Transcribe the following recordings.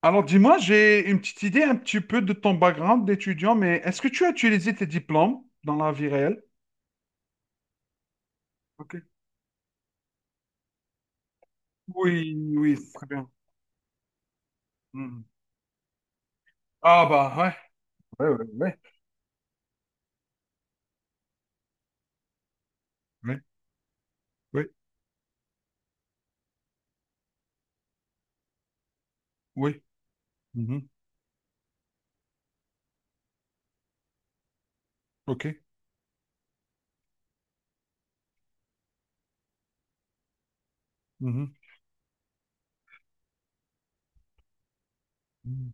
Alors dis-moi, j'ai une petite idée un petit peu de ton background d'étudiant, mais est-ce que tu as utilisé tes diplômes dans la vie réelle? Ok. Oui, oui, c'est très bien. Mhm. Ah bah ouais. Ouais, ouais, ouais. Oui, oui, oui. Mhm. Ok. Mhm. Mhm.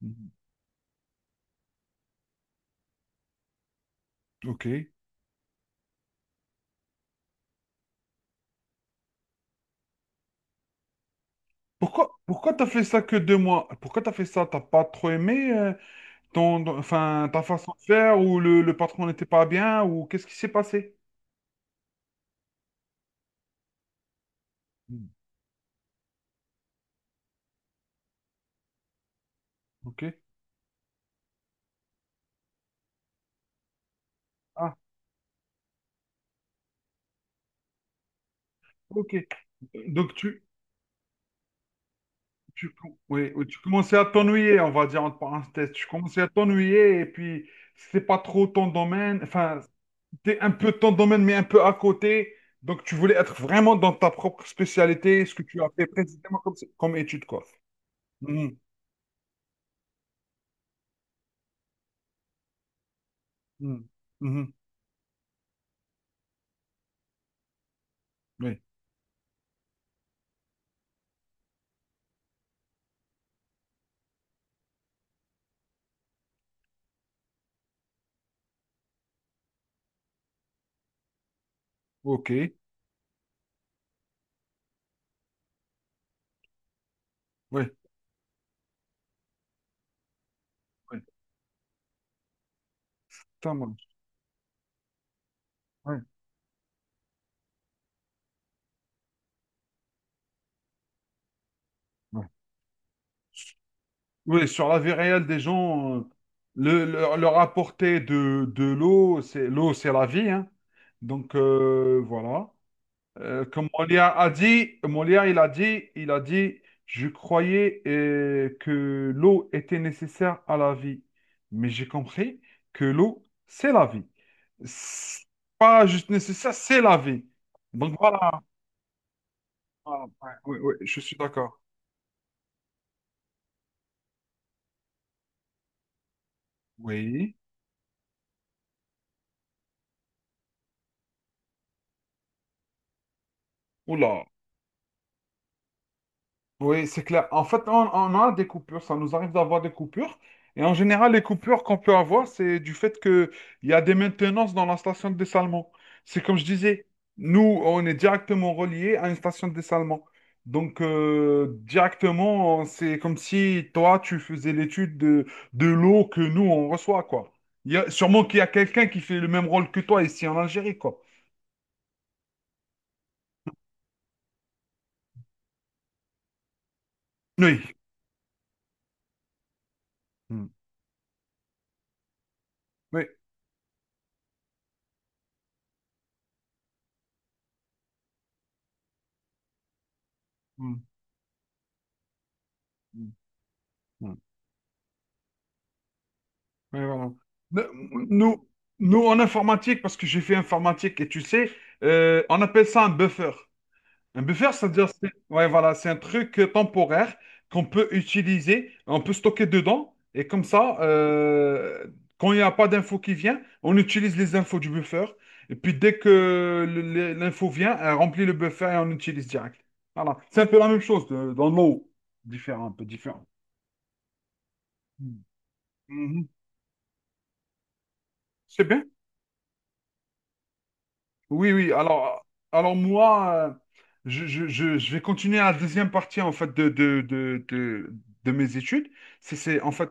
Mhm. Ok. Pourquoi t'as fait ça que 2 mois? Pourquoi t'as fait ça? T'as pas trop aimé ton, enfin, ta façon de faire ou le patron n'était pas bien ou qu'est-ce qui s'est passé? Mhm. Ok. Ah, ok. Donc oui, oui, tu commençais à t'ennuyer, on va dire entre parenthèses. Tu commençais à t'ennuyer et puis c'est pas trop ton domaine. Enfin, c'était un peu ton domaine, mais un peu à côté. Donc, tu voulais être vraiment dans ta propre spécialité, ce que tu as fait précisément comme étude, quoi. Mhm, mhm, mhm. Oui, ok. Oui, oui, ça marche. Oui, oui. Oui, sur la vie réelle des gens, le, leur apporter de l'eau, c'est la vie, hein. Donc voilà. Comme Molière a dit, Molière, il a dit, je croyais que l'eau était nécessaire à la vie, mais j'ai compris que l'eau, c'est la vie. C'est pas juste nécessaire, c'est la vie. Donc voilà. Voilà. Ouais, ouais, ouais, je suis d'accord. Oui. Oula. Oui, c'est clair. En fait, on a des coupures, ça nous arrive d'avoir des coupures. Et en général, les coupures qu'on peut avoir, c'est du fait qu'il y a des maintenances dans la station de dessalement. C'est comme je disais, nous, on est directement relié à une station de dessalement. Donc, directement, c'est comme si toi, tu faisais l'étude de l'eau que nous, on reçoit, quoi. Il y a, sûrement qu'il y a quelqu'un qui fait le même rôle que toi ici en Algérie, quoi. Oui. Hmm, oui. Mm. Hmm. Ouais, voilà. Ne- Nous, nous, en informatique, parce que j'ai fait informatique et tu sais, on appelle ça un buffer. Un buffer, c'est-à-dire, ouais, voilà, c'est un truc temporaire qu'on peut utiliser, on peut stocker dedans, et comme ça, quand il n'y a pas d'info qui vient, on utilise les infos du buffer, et puis dès que l'info vient, elle remplit le buffer et on l'utilise direct. Voilà, c'est un peu la même chose dans l'eau, différent, un peu différent. Mhm. Mhm. C'est bien. Oui, oui. Alors moi, je vais continuer la deuxième partie en fait de mes études. En fait,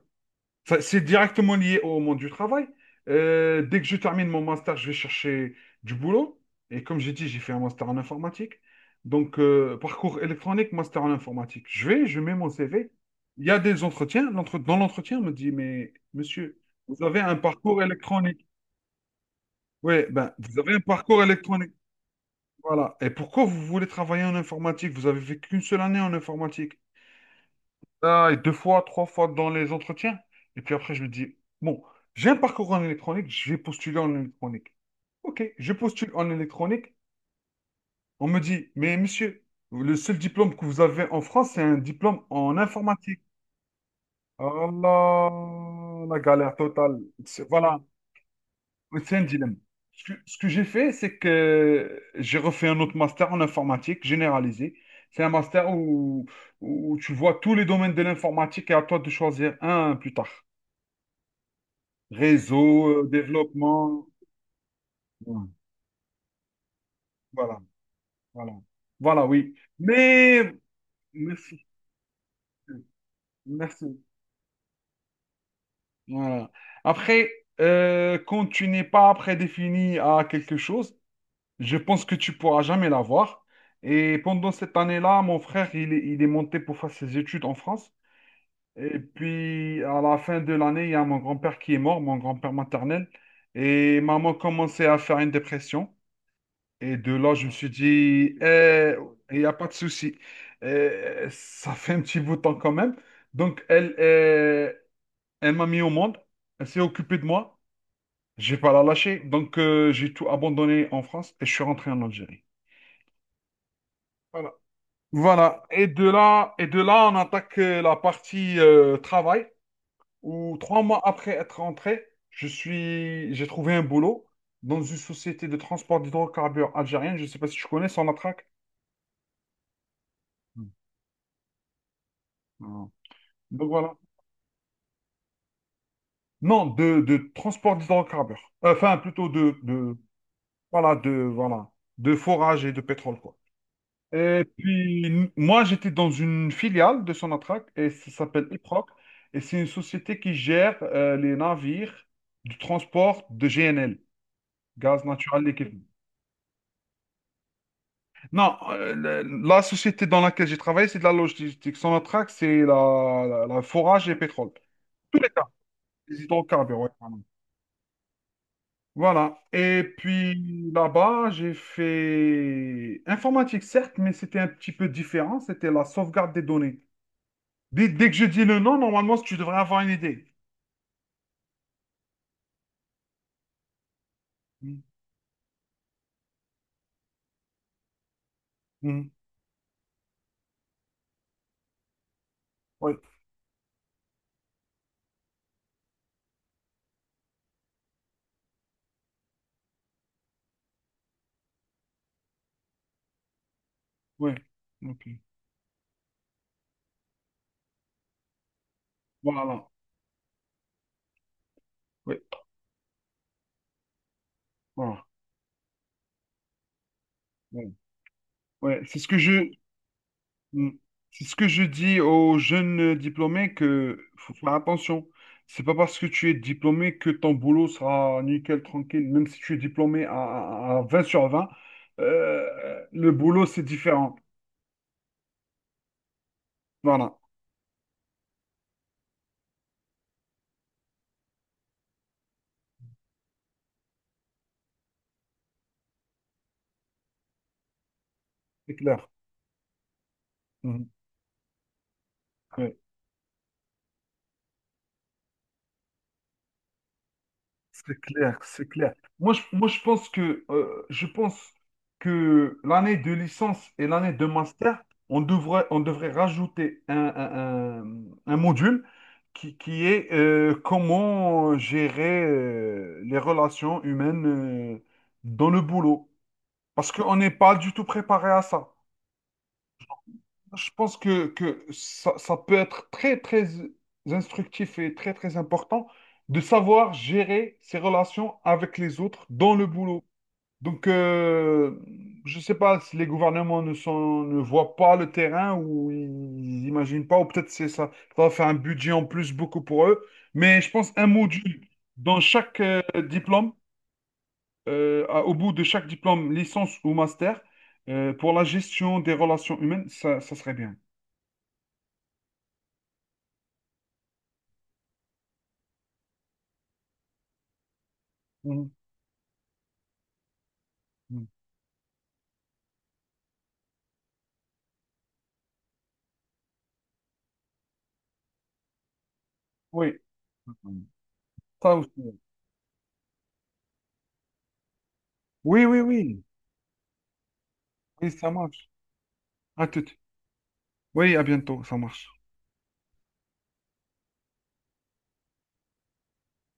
c'est directement lié au monde du travail. Dès que je termine mon master, je vais chercher du boulot. Et comme j'ai dit, j'ai fait un master en informatique. Donc, parcours électronique, master en informatique. Je mets mon CV. Il y a des entretiens. Dans l'entretien, on me dit, mais monsieur, vous avez un parcours électronique. Oui, ben, vous avez un parcours électronique. Voilà. Et pourquoi vous voulez travailler en informatique? Vous avez fait qu'une seule année en informatique. Ah, et deux fois, trois fois dans les entretiens. Et puis après, je me dis, bon, j'ai un parcours en électronique, je vais postuler en électronique. Ok, je postule en électronique. On me dit, mais monsieur, le seul diplôme que vous avez en France, c'est un diplôme en informatique. Ah là, la galère totale. Voilà. C'est un dilemme. Ce que j'ai fait, c'est que j'ai refait un autre master en informatique généralisé. C'est un master où tu vois tous les domaines de l'informatique et à toi de choisir un plus tard. Réseau, développement. Ouais, voilà, voilà. Voilà, oui. Mais, merci. Merci. Voilà. Après, quand tu n'es pas prédéfini à quelque chose, je pense que tu pourras jamais l'avoir. Et pendant cette année-là, mon frère, il est monté pour faire ses études en France. Et puis, à la fin de l'année, il y a mon grand-père qui est mort, mon grand-père maternel. Et maman commençait à faire une dépression. Et de là, je me suis dit, eh, il n'y a pas de souci. Eh, ça fait un petit bout de temps quand même. Donc, elle m'a mis au monde. Elle s'est occupée de moi. Je vais pas la lâcher. Donc, j'ai tout abandonné en France et je suis rentré en Algérie. Voilà. Voilà. Et de là, on attaque la partie travail, où 3 mois après être rentré, j'ai trouvé un boulot dans une société de transport d'hydrocarbures algérienne. Je ne sais pas si tu connais Sonatrach. Mm. Non. Donc voilà. Non, de transport d'hydrocarbures. Enfin, plutôt voilà, de forage et de pétrole, quoi. Et puis, moi, j'étais dans une filiale de Sonatrach et ça s'appelle IPROC. Et c'est une société qui gère les navires du transport de GNL, gaz naturel liquéfié. Non, la société dans laquelle j'ai travaillé, c'est de la logistique. Sonatrach, c'est la forage et pétrole. Tous les cas, les hydrocarbures, ouais, pardon. Voilà. Et puis là-bas, j'ai fait informatique, certes, mais c'était un petit peu différent. C'était la sauvegarde des données. Dès que je dis le nom, normalement, tu devrais avoir une idée. Mhm. Mhm. Oui, oui. Ok. Voilà. Oui, voilà. Oui. Ouais. C'est ce que je, Mhm. C'est ce que je dis aux jeunes diplômés que faut faire attention. C'est pas parce que tu es diplômé que ton boulot sera nickel, tranquille. Même si tu es diplômé à 20 sur 20, le boulot, c'est différent. Voilà. C'est clair. Mhm. C'est clair, c'est clair. Moi, je pense que l'année de licence et l'année de master, on devrait rajouter un module qui est comment gérer les relations humaines euh, dans le boulot. Parce qu'on n'est pas du tout préparé à ça. Je pense que ça peut être très, très instructif et très, très important de savoir gérer ses relations avec les autres dans le boulot. Donc, je ne sais pas si les gouvernements ne voient pas le terrain ou ils n'imaginent pas, ou peut-être c'est ça, ça va faire un budget en plus beaucoup pour eux. Mais je pense un module dans chaque diplôme, au bout de chaque diplôme, licence ou master, pour la gestion des relations humaines, ça serait bien. Mm. Oui, ça aussi. Oui, oui, oui. Oui, ça marche. À tout. Oui, à bientôt, ça marche.